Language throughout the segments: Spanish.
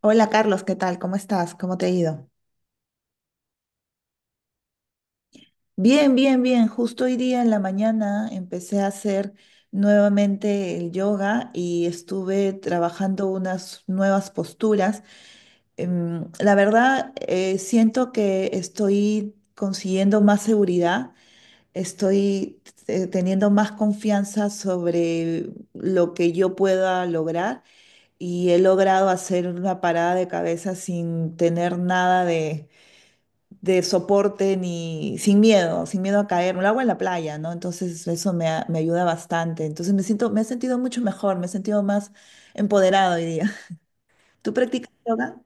Hola Carlos, ¿qué tal? ¿Cómo estás? ¿Cómo te ha ido? Bien, bien, bien. Justo hoy día en la mañana empecé a hacer nuevamente el yoga y estuve trabajando unas nuevas posturas. La verdad, siento que estoy consiguiendo más seguridad, estoy teniendo más confianza sobre lo que yo pueda lograr y he logrado hacer una parada de cabeza sin tener nada de soporte ni sin miedo, sin miedo a caer. Lo hago en la playa, ¿no? Entonces eso me ayuda bastante. Entonces me siento, me he sentido mucho mejor, me he sentido más empoderado hoy día. ¿Tú practicas yoga?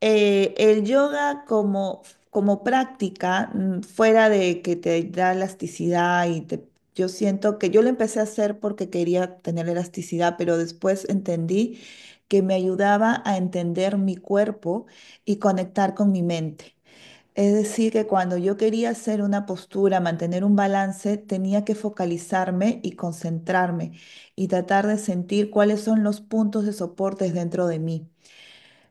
El yoga como, como práctica, fuera de que te da elasticidad yo siento que yo lo empecé a hacer porque quería tener elasticidad, pero después entendí que me ayudaba a entender mi cuerpo y conectar con mi mente. Es decir, que cuando yo quería hacer una postura, mantener un balance, tenía que focalizarme y concentrarme y tratar de sentir cuáles son los puntos de soportes dentro de mí.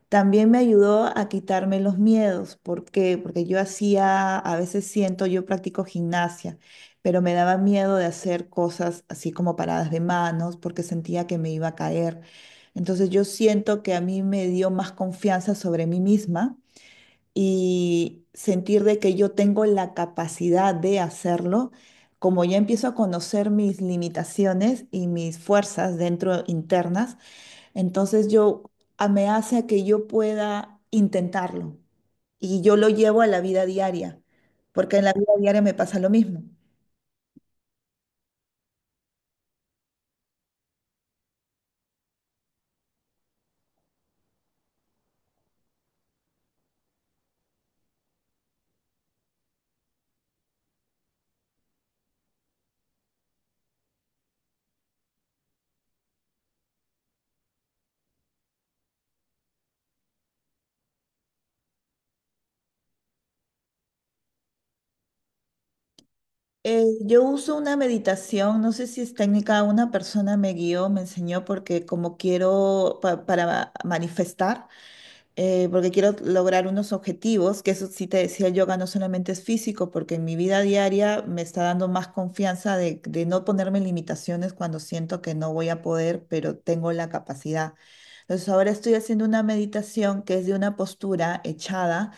También me ayudó a quitarme los miedos. ¿Por qué? Porque yo hacía, a veces siento, yo practico gimnasia, pero me daba miedo de hacer cosas así como paradas de manos porque sentía que me iba a caer. Entonces yo siento que a mí me dio más confianza sobre mí misma y sentir de que yo tengo la capacidad de hacerlo, como ya empiezo a conocer mis limitaciones y mis fuerzas dentro internas, entonces me hace que yo pueda intentarlo y yo lo llevo a la vida diaria, porque en la vida diaria me pasa lo mismo. Yo uso una meditación, no sé si es técnica, una persona me guió, me enseñó porque como quiero para manifestar, porque quiero lograr unos objetivos, que eso sí te decía, el yoga no solamente es físico, porque en mi vida diaria me está dando más confianza de no ponerme limitaciones cuando siento que no voy a poder, pero tengo la capacidad. Entonces ahora estoy haciendo una meditación que es de una postura echada.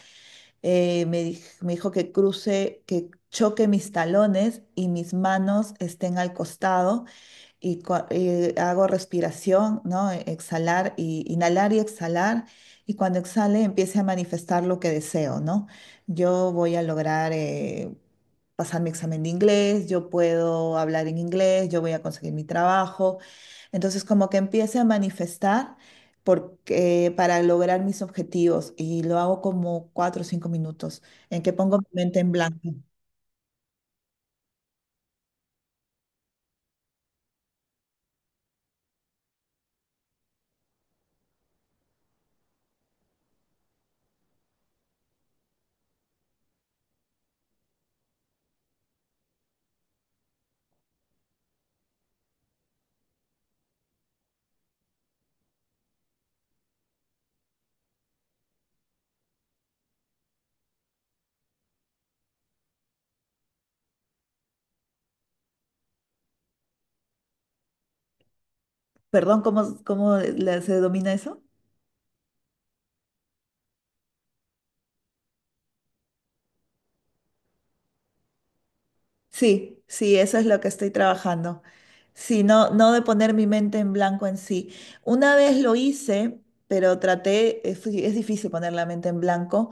Me me dijo que cruce, que choque mis talones y mis manos estén al costado y, y hago respiración, ¿no? Exhalar y inhalar y exhalar. Y cuando exhale, empiece a manifestar lo que deseo, ¿no? Yo voy a lograr pasar mi examen de inglés, yo puedo hablar en inglés, yo voy a conseguir mi trabajo. Entonces, como que empiece a manifestar porque, para lograr mis objetivos y lo hago como 4 o 5 minutos en que pongo mi mente en blanco. Perdón, ¿cómo, se domina eso? Sí, sí, eso es lo que estoy trabajando. Sí, no, no de poner mi mente en blanco en sí. Una vez lo hice, pero traté, es difícil poner la mente en blanco,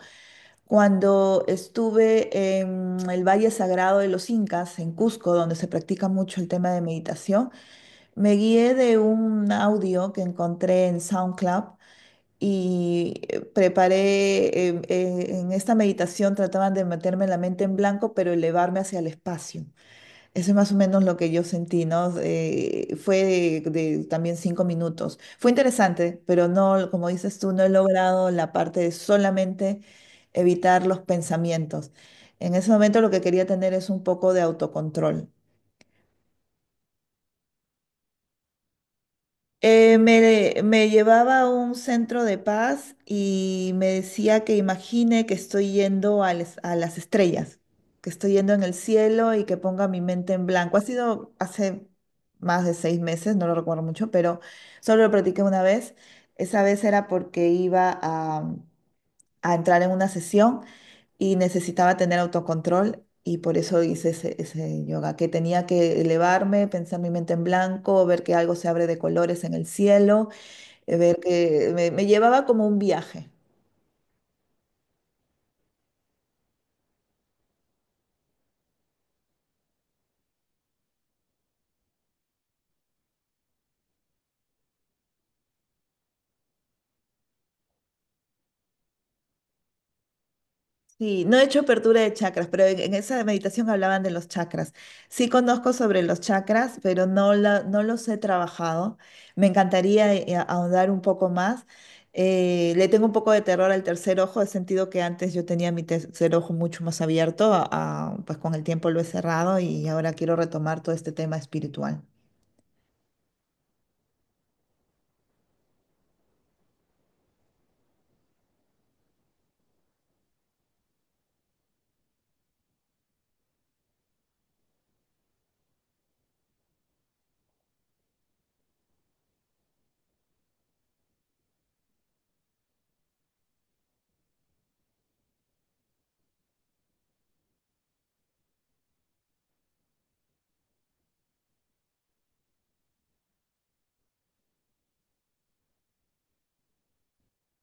cuando estuve en el Valle Sagrado de los Incas, en Cusco, donde se practica mucho el tema de meditación, me guié de un audio que encontré en SoundCloud y preparé, en esta meditación trataban de meterme la mente en blanco, pero elevarme hacia el espacio. Eso es más o menos lo que yo sentí, ¿no? Fue de también 5 minutos. Fue interesante, pero no, como dices tú, no he logrado la parte de solamente evitar los pensamientos. En ese momento lo que quería tener es un poco de autocontrol. Me llevaba a un centro de paz y me decía que imagine que estoy yendo a las estrellas, que estoy yendo en el cielo y que ponga mi mente en blanco. Ha sido hace más de 6 meses, no lo recuerdo mucho, pero solo lo practiqué una vez. Esa vez era porque iba a entrar en una sesión y necesitaba tener autocontrol y por eso hice ese yoga, que tenía que elevarme, pensar mi mente en blanco, ver que algo se abre de colores en el cielo, me llevaba como un viaje. Sí, no he hecho apertura de chakras, pero en esa meditación hablaban de los chakras. Sí conozco sobre los chakras, pero no, no los he trabajado. Me encantaría ahondar un poco más. Le tengo un poco de terror al tercer ojo, he sentido que antes yo tenía mi tercer ojo mucho más abierto, pues con el tiempo lo he cerrado y ahora quiero retomar todo este tema espiritual.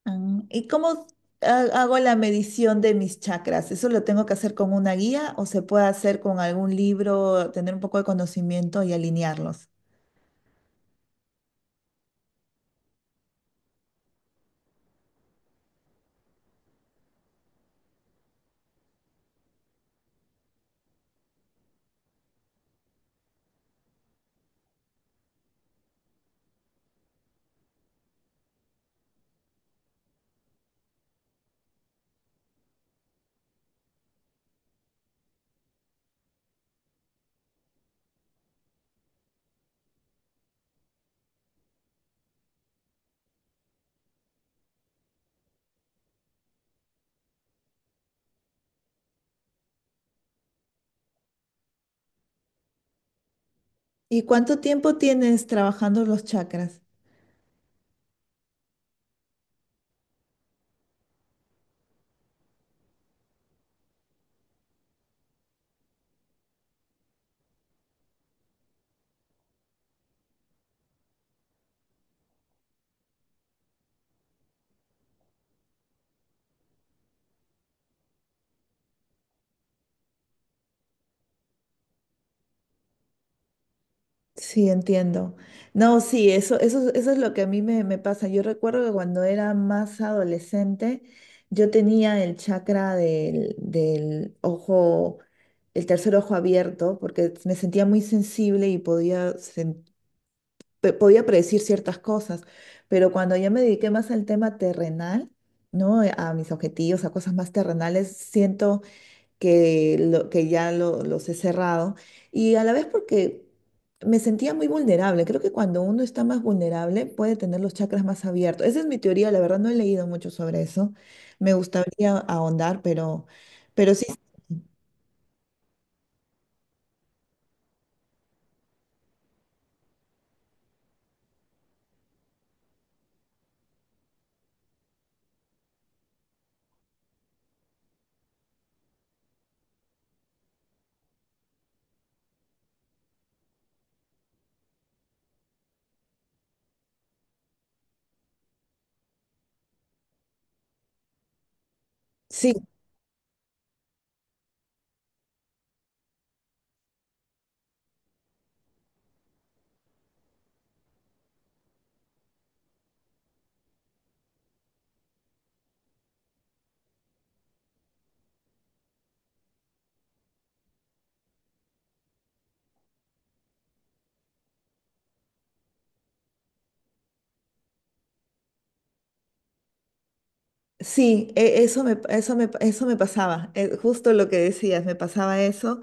Ah, ¿Y cómo hago la medición de mis chakras? ¿Eso lo tengo que hacer con una guía o se puede hacer con algún libro, tener un poco de conocimiento y alinearlos? ¿Y cuánto tiempo tienes trabajando los chakras? Sí, entiendo. No, sí, eso es lo que a mí me pasa. Yo recuerdo que cuando era más adolescente, yo tenía el chakra del ojo, el tercer ojo abierto, porque me sentía muy sensible y podía predecir ciertas cosas, pero cuando ya me dediqué más al tema terrenal, ¿no? A mis objetivos, a cosas más terrenales, siento que ya los he cerrado y a la vez porque me sentía muy vulnerable. Creo que cuando uno está más vulnerable puede tener los chakras más abiertos. Esa es mi teoría, la verdad no he leído mucho sobre eso. Me gustaría ahondar, pero sí, sí. Sí, eso eso eso me pasaba, justo lo que decías, me pasaba eso.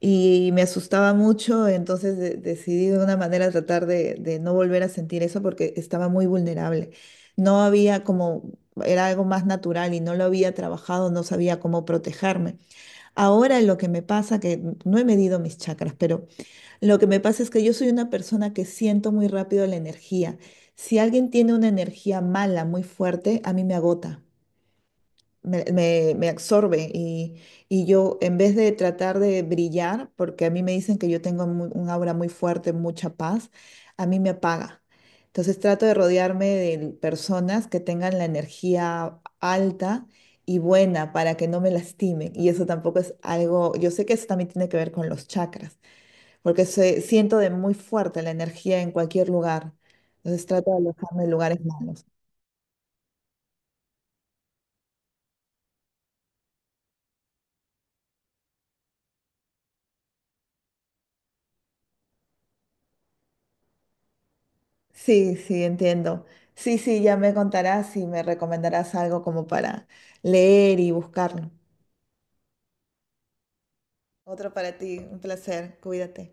Y me asustaba mucho, entonces decidí de una manera tratar de no volver a sentir eso porque estaba muy vulnerable. No había como, era algo más natural y no lo había trabajado, no sabía cómo protegerme. Ahora lo que me pasa, que no he medido mis chakras, pero lo que me pasa es que yo soy una persona que siento muy rápido la energía. Si alguien tiene una energía mala, muy fuerte, a mí me agota me absorbe y yo en vez de tratar de brillar, porque a mí me dicen que yo tengo un aura muy fuerte, mucha paz, a mí me apaga. Entonces trato de rodearme de personas que tengan la energía alta y buena para que no me lastimen. Y eso tampoco es algo, yo sé que eso también tiene que ver con los chakras, porque siento de muy fuerte la energía en cualquier lugar. Entonces trato de alejarme de lugares malos. Sí, sí, entiendo. Sí, sí, ya me contarás y me recomendarás algo como para leer y buscarlo. Otro para ti, un placer, cuídate.